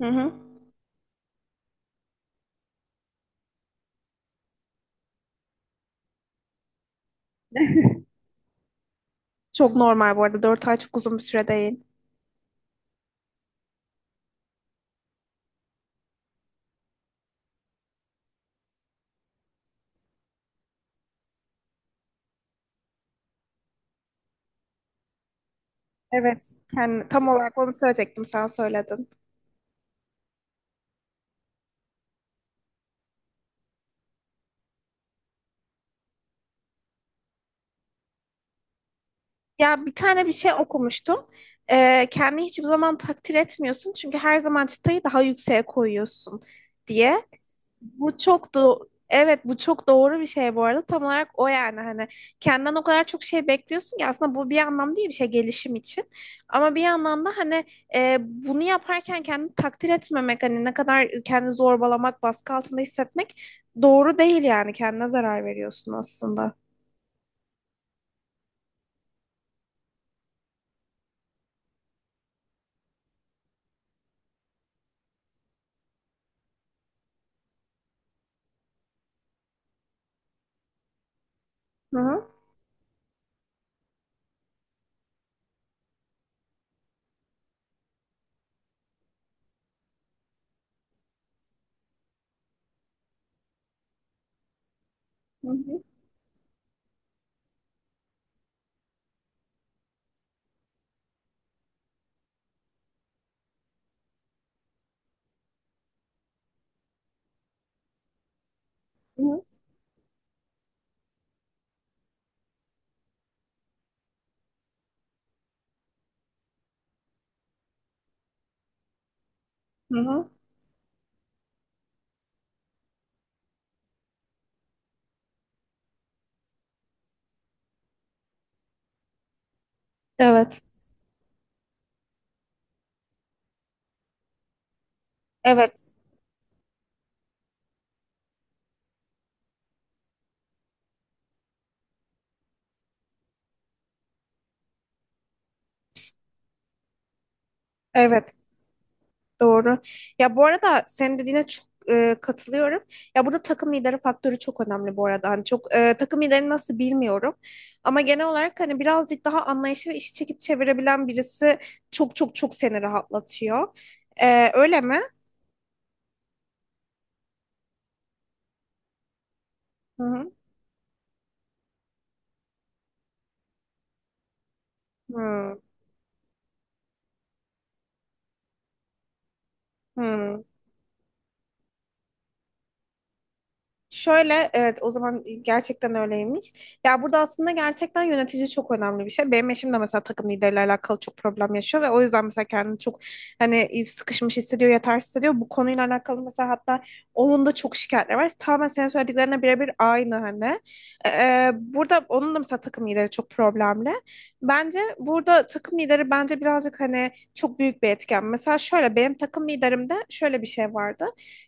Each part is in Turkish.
Hı hı. Çok normal bu arada. 4 ay çok uzun bir süre değil. Evet. Yani tam olarak onu söyleyecektim. Sen söyledin. Ya bir tane bir şey okumuştum. Kendini hiçbir zaman takdir etmiyorsun. Çünkü her zaman çıtayı daha yükseğe koyuyorsun diye. Bu çok da evet bu çok doğru bir şey bu arada. Tam olarak o yani hani kendinden o kadar çok şey bekliyorsun ki aslında bu bir anlamda iyi bir şey gelişim için. Ama bir yandan da hani bunu yaparken kendini takdir etmemek, hani ne kadar kendini zorbalamak, baskı altında hissetmek doğru değil, yani kendine zarar veriyorsun aslında. Hı hı. Hı hı. Hı hı. Hı hı. Evet. Evet. Evet. Doğru. Ya bu arada senin dediğine çok katılıyorum. Ya burada takım lideri faktörü çok önemli bu arada. Hani çok takım lideri nasıl bilmiyorum. Ama genel olarak hani birazcık daha anlayışlı ve işi çekip çevirebilen birisi çok çok çok seni rahatlatıyor. E, öyle mi? Hı hı. Hı. Hı. Şöyle evet, o zaman gerçekten öyleymiş. Ya burada aslında gerçekten yönetici çok önemli bir şey. Benim eşim de mesela takım lideriyle alakalı çok problem yaşıyor ve o yüzden mesela kendini çok hani sıkışmış hissediyor, yetersiz hissediyor. Bu konuyla alakalı mesela hatta onun da çok şikayetleri var. Tamamen senin söylediklerine birebir aynı hani. Burada onun da mesela takım lideri çok problemli. Bence burada takım lideri bence birazcık hani çok büyük bir etken. Mesela şöyle benim takım liderimde şöyle bir şey vardı.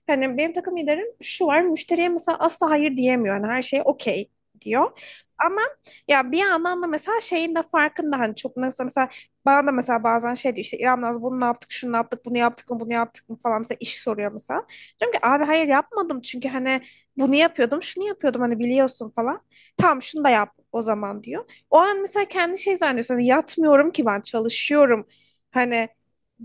Yani benim takım liderim şu var. Müşteriye mesela asla hayır diyemiyor. Yani her şeye okey diyor. Ama ya bir yandan da mesela şeyin de farkında hani, çok nasıl, mesela bana da mesela bazen şey diyor, işte İrem Naz bunu ne yaptık, şunu ne yaptık, bunu yaptık mı, bunu yaptık mı falan, mesela iş soruyor mesela. Diyorum ki abi hayır yapmadım, çünkü hani bunu yapıyordum, şunu yapıyordum, hani biliyorsun falan. Tamam, şunu da yap o zaman diyor. O an mesela kendi şey zannediyorsun, hani yatmıyorum ki ben, çalışıyorum hani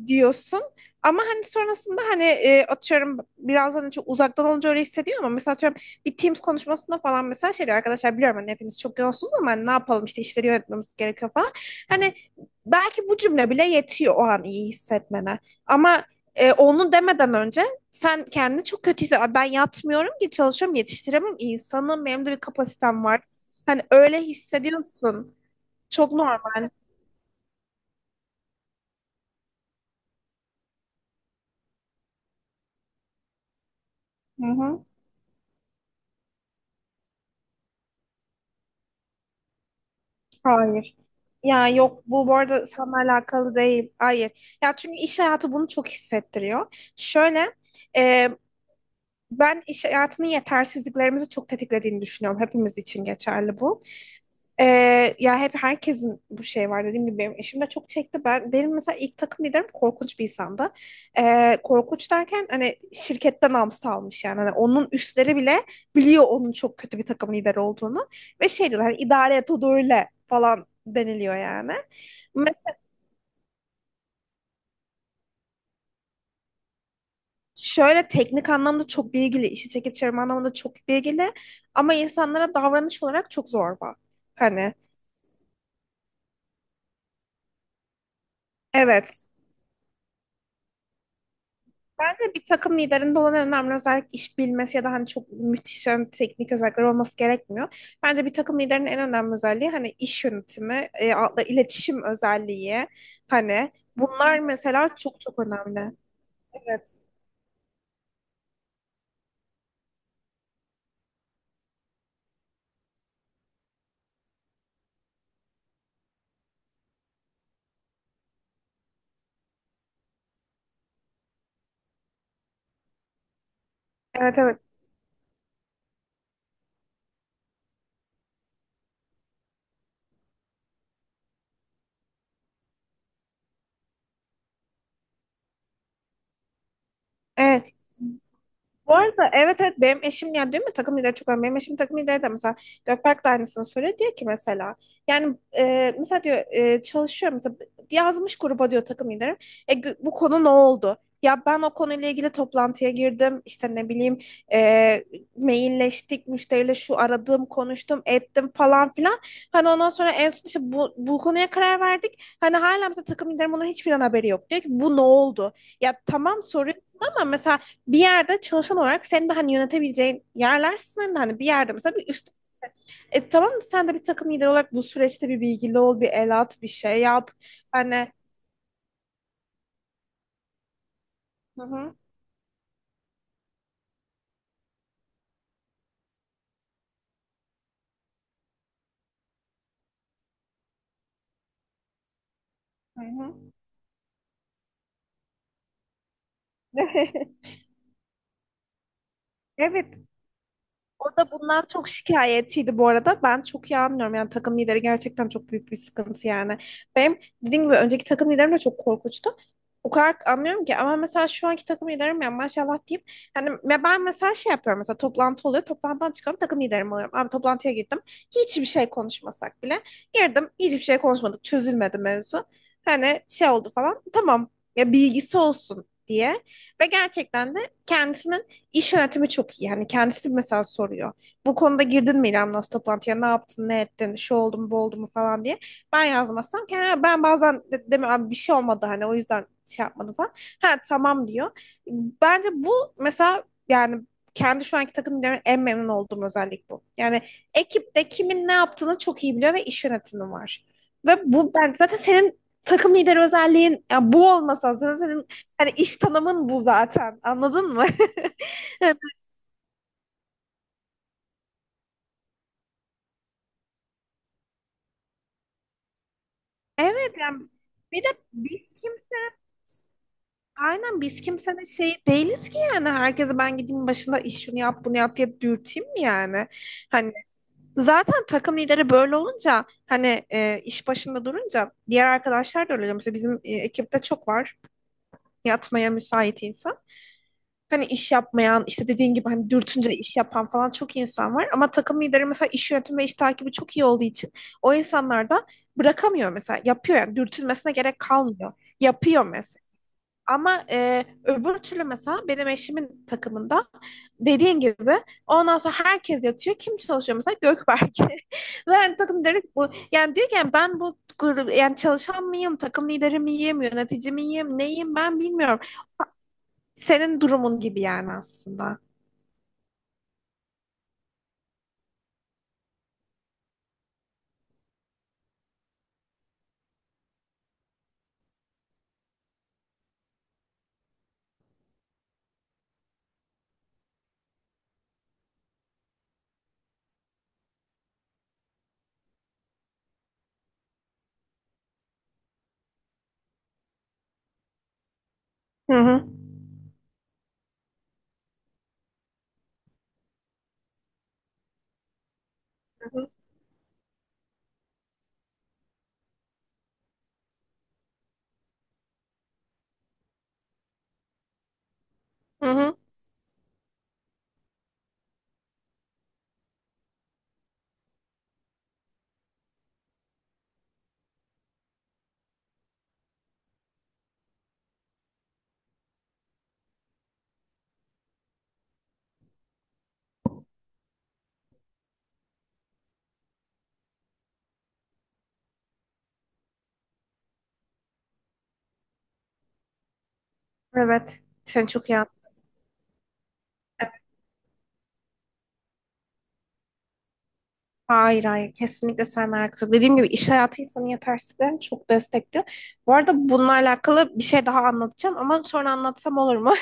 diyorsun. Ama hani sonrasında hani atıyorum biraz hani çok uzaktan olunca öyle hissediyor, ama mesela atıyorum bir Teams konuşmasında falan mesela şey diyor, arkadaşlar biliyorum hani hepiniz çok yoğunsunuz, ama hani ne yapalım, işte işleri yönetmemiz gerekiyor falan. Hani belki bu cümle bile yetiyor o an iyi hissetmene. Ama onu demeden önce sen kendini çok kötü hissediyorsun. Ben yatmıyorum ki, çalışıyorum, yetiştiremem, insanım, benim de bir kapasitem var. Hani öyle hissediyorsun. Çok normal. Hı hı. Hayır. Ya yok, bu bu arada seninle alakalı değil. Hayır. Ya çünkü iş hayatı bunu çok hissettiriyor. Şöyle, e, ben iş hayatının yetersizliklerimizi çok tetiklediğini düşünüyorum. Hepimiz için geçerli bu. Ya hep herkesin bu şey var, dediğim gibi benim eşim de çok çekti. Benim mesela ilk takım liderim korkunç bir insandı. Korkunç derken hani şirketten namsa almış yani. Hani onun üstleri bile biliyor onun çok kötü bir takım lideri olduğunu ve şey diyorlar, hani idare et, o da öyle falan deniliyor yani. Mesela şöyle teknik anlamda çok bilgili, işi çekip çevirme anlamında çok bilgili, ama insanlara davranış olarak çok zorba. Hani evet. Bence bir takım liderinde olan en önemli özellik iş bilmesi ya da hani çok müthiş yani teknik özellikler olması gerekmiyor. Bence bir takım liderinin en önemli özelliği hani iş yönetimi, iletişim özelliği, hani bunlar mesela çok çok önemli. Evet. Evet, evet. Evet. Bu arada evet, evet, benim eşim yani, değil mi, takım lideri çok önemli. Benim eşim takım lideri de mesela Gökberk de aynısını söylüyor. Diyor ki mesela yani mesela diyor, çalışıyor mesela, yazmış gruba diyor takım liderim. E, bu konu ne oldu? Ya ben o konuyla ilgili toplantıya girdim. İşte ne bileyim, e, mailleştik müşteriyle, şu aradım konuştum ettim falan filan. Hani ondan sonra en son işte bu konuya karar verdik. Hani hala mesela takım liderim bunun hiçbir haberi yok. Diyor ki bu ne oldu? Ya tamam soruyorsun, ama mesela bir yerde çalışan olarak senin de hani yönetebileceğin yerler sınırlı. Hani bir yerde mesela bir üst. E tamam, sen de bir takım lideri olarak bu süreçte bir bilgili ol, bir el at, bir şey yap. Hani hı hı. Hı hı. Evet, o da bundan çok şikayetçiydi bu arada. Ben çok iyi anlıyorum. Yani takım lideri gerçekten çok büyük bir sıkıntı yani. Benim dediğim gibi önceki takım liderim de çok korkunçtu. O kadar anlıyorum ki, ama mesela şu anki takım liderim ya maşallah diyeyim. Hani ben mesela şey yapıyorum, mesela toplantı oluyor. Toplantıdan çıkıyorum, takım liderim oluyorum. Abi toplantıya girdim. Hiçbir şey konuşmasak bile. Girdim, hiçbir şey konuşmadık. Çözülmedi mevzu. Hani şey oldu falan. Tamam, ya bilgisi olsun diye. Ve gerçekten de kendisinin İş yönetimi çok iyi. Yani kendisi mesela soruyor. Bu konuda girdin mi İrem Naz toplantıya? Ne yaptın, ne ettin, şu oldu mu, bu oldu mu falan diye. Ben yazmazsam kendi, ben bazen de, deme abi bir şey olmadı hani, o yüzden şey yapmadım falan. Ha tamam diyor. Bence bu mesela, yani kendi şu anki takım liderimden en memnun olduğum özellik bu. Yani ekipte kimin ne yaptığını çok iyi biliyor ve iş yönetimi var. Ve bu ben zaten senin takım lideri özelliğin, yani bu olmasa zaten senin hani iş tanımın bu zaten. Anladın mı? Evet yani, bir de biz kimse aynen biz kimsenin şey değiliz ki yani, herkese ben gideyim başında, iş şunu yap bunu yap diye dürteyim mi yani? Hani zaten takım lideri böyle olunca hani, iş başında durunca diğer arkadaşlar da öyle oluyor. Mesela bizim ekipte çok var yatmaya müsait insan. Hani iş yapmayan, işte dediğin gibi hani dürtünce iş yapan falan çok insan var. Ama takım lideri mesela iş yönetimi ve iş takibi çok iyi olduğu için o insanlar da bırakamıyor, mesela yapıyor, yani dürtülmesine gerek kalmıyor, yapıyor mesela. Ama öbür türlü mesela benim eşimin takımında, dediğin gibi, ondan sonra herkes yatıyor. Kim çalışıyor mesela? Gökberk. Ve yani takım direkt bu. Yani diyor ki, yani ben bu grup yani, çalışan mıyım? Takım lideri miyim? Yönetici miyim? Neyim ben bilmiyorum. Senin durumun gibi yani aslında. Hı hı. Hı hı. Hı hı. Evet. Sen çok iyi anladın. Hayır, hayır, kesinlikle seninle alakası. Dediğim gibi iş hayatı insanın yetersizliklerini çok destekliyor. Bu arada bununla alakalı bir şey daha anlatacağım, ama sonra anlatsam olur mu?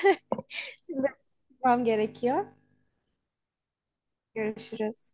Şimdi yapmam gerekiyor. Görüşürüz.